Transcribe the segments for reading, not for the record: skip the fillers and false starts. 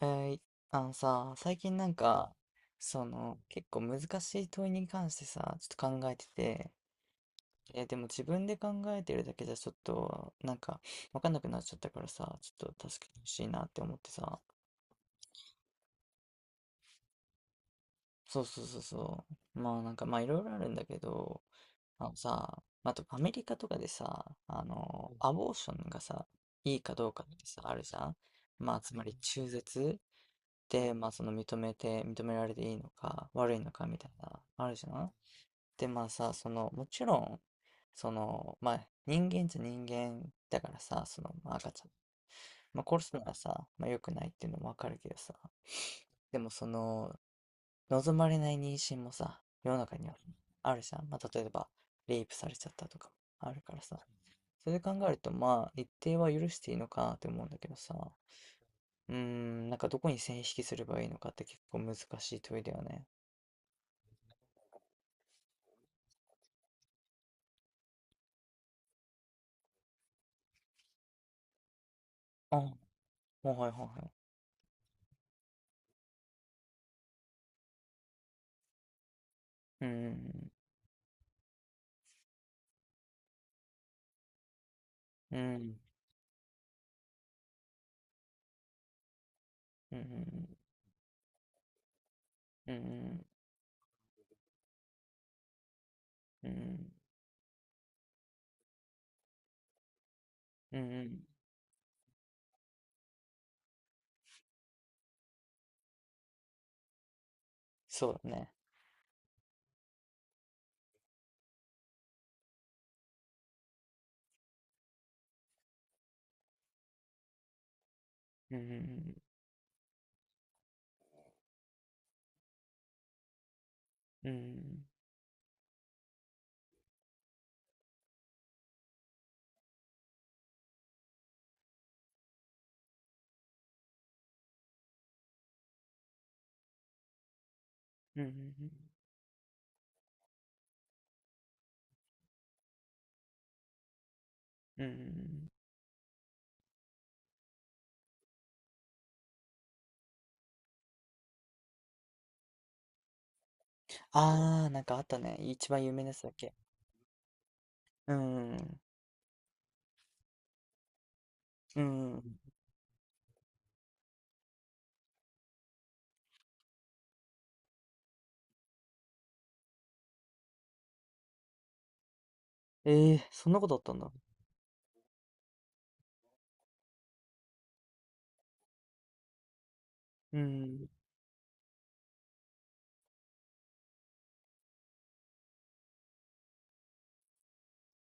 えー、あのさ、最近なんか、その、結構難しい問いに関してさ、ちょっと考えてて、でも自分で考えてるだけじゃちょっと、なんか、わかんなくなっちゃったからさ、ちょっと助けてほしいなって思ってさ、そうそうそうそう、まあなんか、まあいろいろあるんだけど、あのさ、あとアメリカとかでさ、あの、アボーションがさ、いいかどうかってさ、あるじゃん。まあ、つまり中絶で、まあその認めて、認められていいのか悪いのかみたいな、あるじゃん。で、まあさ、その、もちろん、その、まあ人間だからさ、その、まあ赤ちゃん、まあ殺すのはさ、まあ良くないっていうのもわかるけどさ、でもその、望まれない妊娠もさ、世の中にはあるじゃん。まあ例えば、レイプされちゃったとかもあるからさ、それで考えると、まあ一定は許していいのかなって思うんだけどさ、うーん、なんかどこに線引きすればいいのかって結構難しい問いだよね。あ、はいはいはい。うん、うん、うん、うん、うん、うん、そうだね。うん、うん、うん、うん。ああ、なんかあったね。一番有名なやつだっけ。うん、うん。ええ、そんなことあったんだ。うん、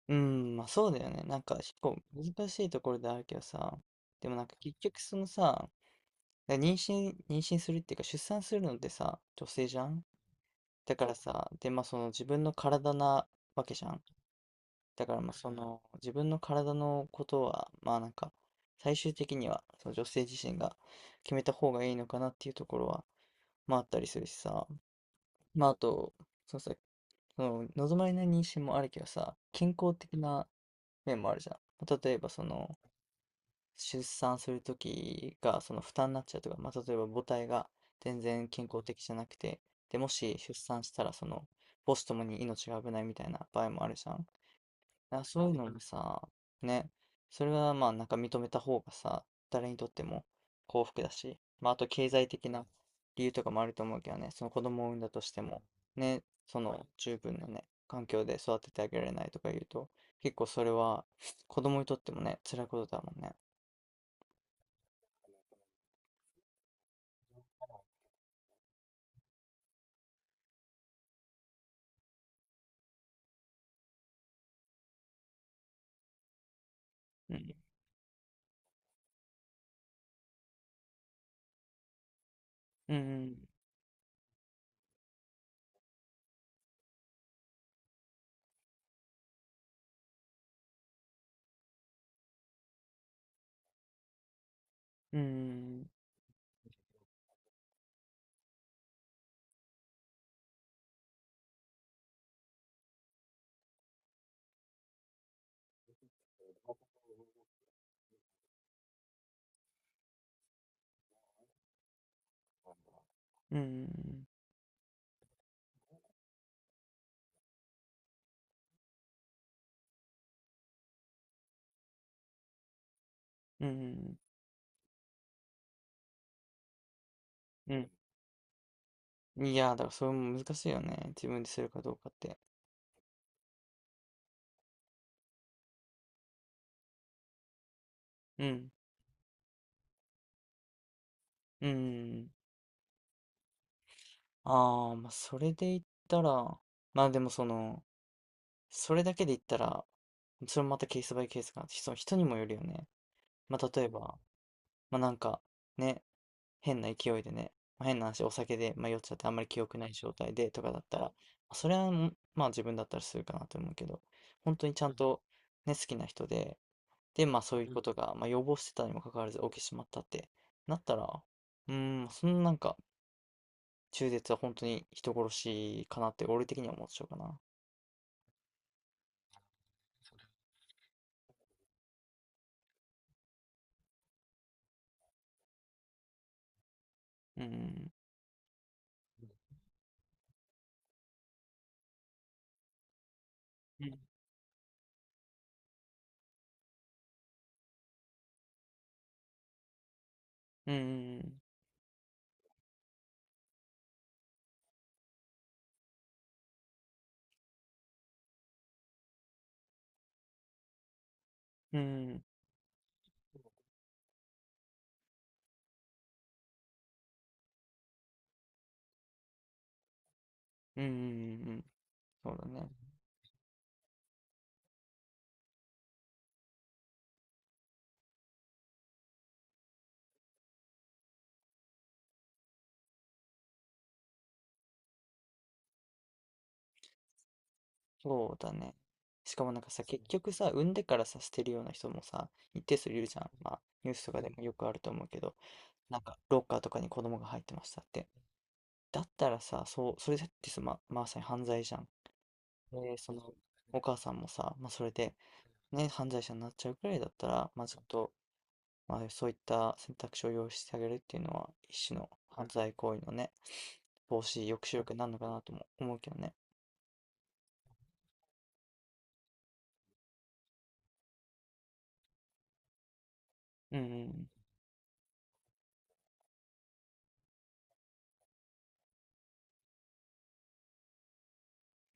うん、まあそうだよね。なんか結構難しいところであるけどさ、でもなんか結局そのさ、妊娠するっていうか出産するのってさ、女性じゃん。だからさ、で、まあその自分の体なわけじゃん。だからまあその自分の体のことは、まあなんか最終的にはその女性自身が決めた方がいいのかなっていうところは、まああったりするしさ。まああと、そのさ、その望まれない妊娠もあるけどさ、健康的な面もあるじゃん。まあ例えばその、出産するときがその負担になっちゃうとか、まあ、例えば母体が全然健康的じゃなくて、で、もし出産したらその母子ともに命が危ないみたいな場合もあるじゃん。だからそういうのもさ、ね、それはまあなんか認めた方がさ、誰にとっても幸福だし、まああと経済的な理由とかもあると思うけどね、その子供を産んだとしても、ね、その十分なね、環境で育ててあげられないとか言うと、結構それは子供にとってもね、辛いことだもんね。うんうんうん。うんうんうん。うん。うん。いや、だからそれも難しいよね。自分でするかどうかって。うん。うん。ああ、まあ、それで言ったら、まあでもその、それだけで言ったら、それもまたケースバイケースかな。その人にもよるよね。まあ例えば、まあなんか、ね、変な勢いでね、まあ変な話、お酒で、まあ、酔っちゃってあんまり記憶ない状態でとかだったら、まあそれはもう、まあ自分だったらするかなと思うけど、本当にちゃんうんとね、好きな人で、で、まあそういううこん。とが、まあ、予防してたにもかかわらず起きてしまったってなったら、うーん、そのなんか中絶は本当に人殺しかなって俺的には思っちゃうかな。うん。うん。うんうんうんうんうんうん。そうだね。そうだね。しかもなんかさ、そう結局さ産んでからさ捨てるような人もさ一定数いるじゃん。まあニュースとかうでん。もよくあると思うけど、なんかロッカーとかに子供が入ってましたって、だったらさ、そうそれだってさま、まさに犯罪じゃん。で、その、お母さんもさ、まあ、それで、ね、犯罪者になっちゃうくらいだったら、まあ、ちょっと、まあ、そういった選択肢を用意してあげるっていうのは、一種の犯罪行為のね、防止、抑止力になるのかなとも思うけどね。うん、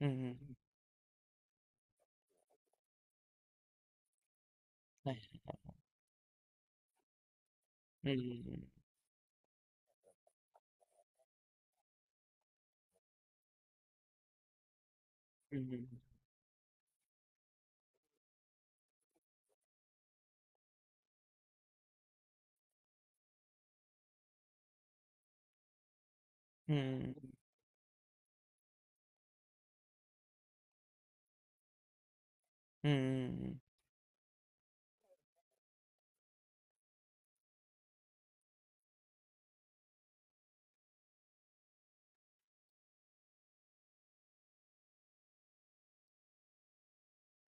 うん、うん、うんうん、はい、うん、うん、うん、うん、うん、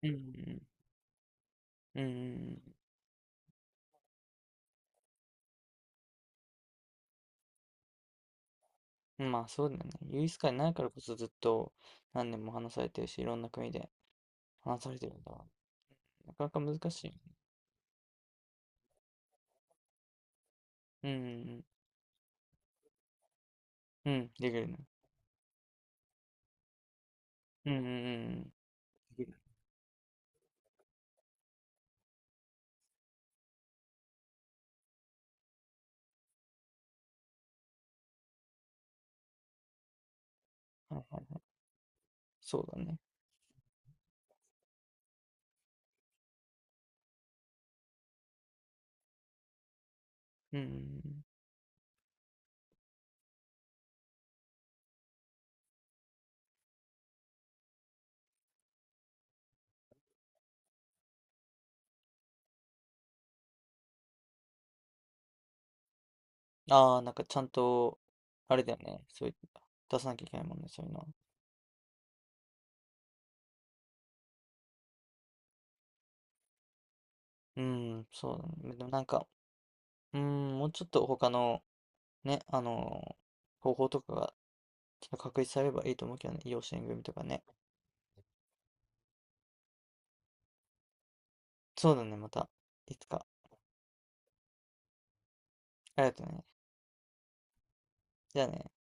うん、うん、うん、うん、うんうん、うん、まあ、そうだよね。優越感ないからこそずっと何年も話されてるし、いろんな国で話されてるんだわ。なかなか難しいよね。うん、うんうん、うん、できるね。うんうんうんできるはいはいはい。そうだね。うんうんうん。ああ、なんかちゃんと、あれだよね。そういう、出さなきゃいけないもんね、そういうの。うん、そうだね。でもなんか、うん、もうちょっと他の、ね、あのー方法とかが、ちょっと確立されればいいと思うけどね。養子縁組とかね。そうだね、また、いつか。ありがとうね。じゃあね。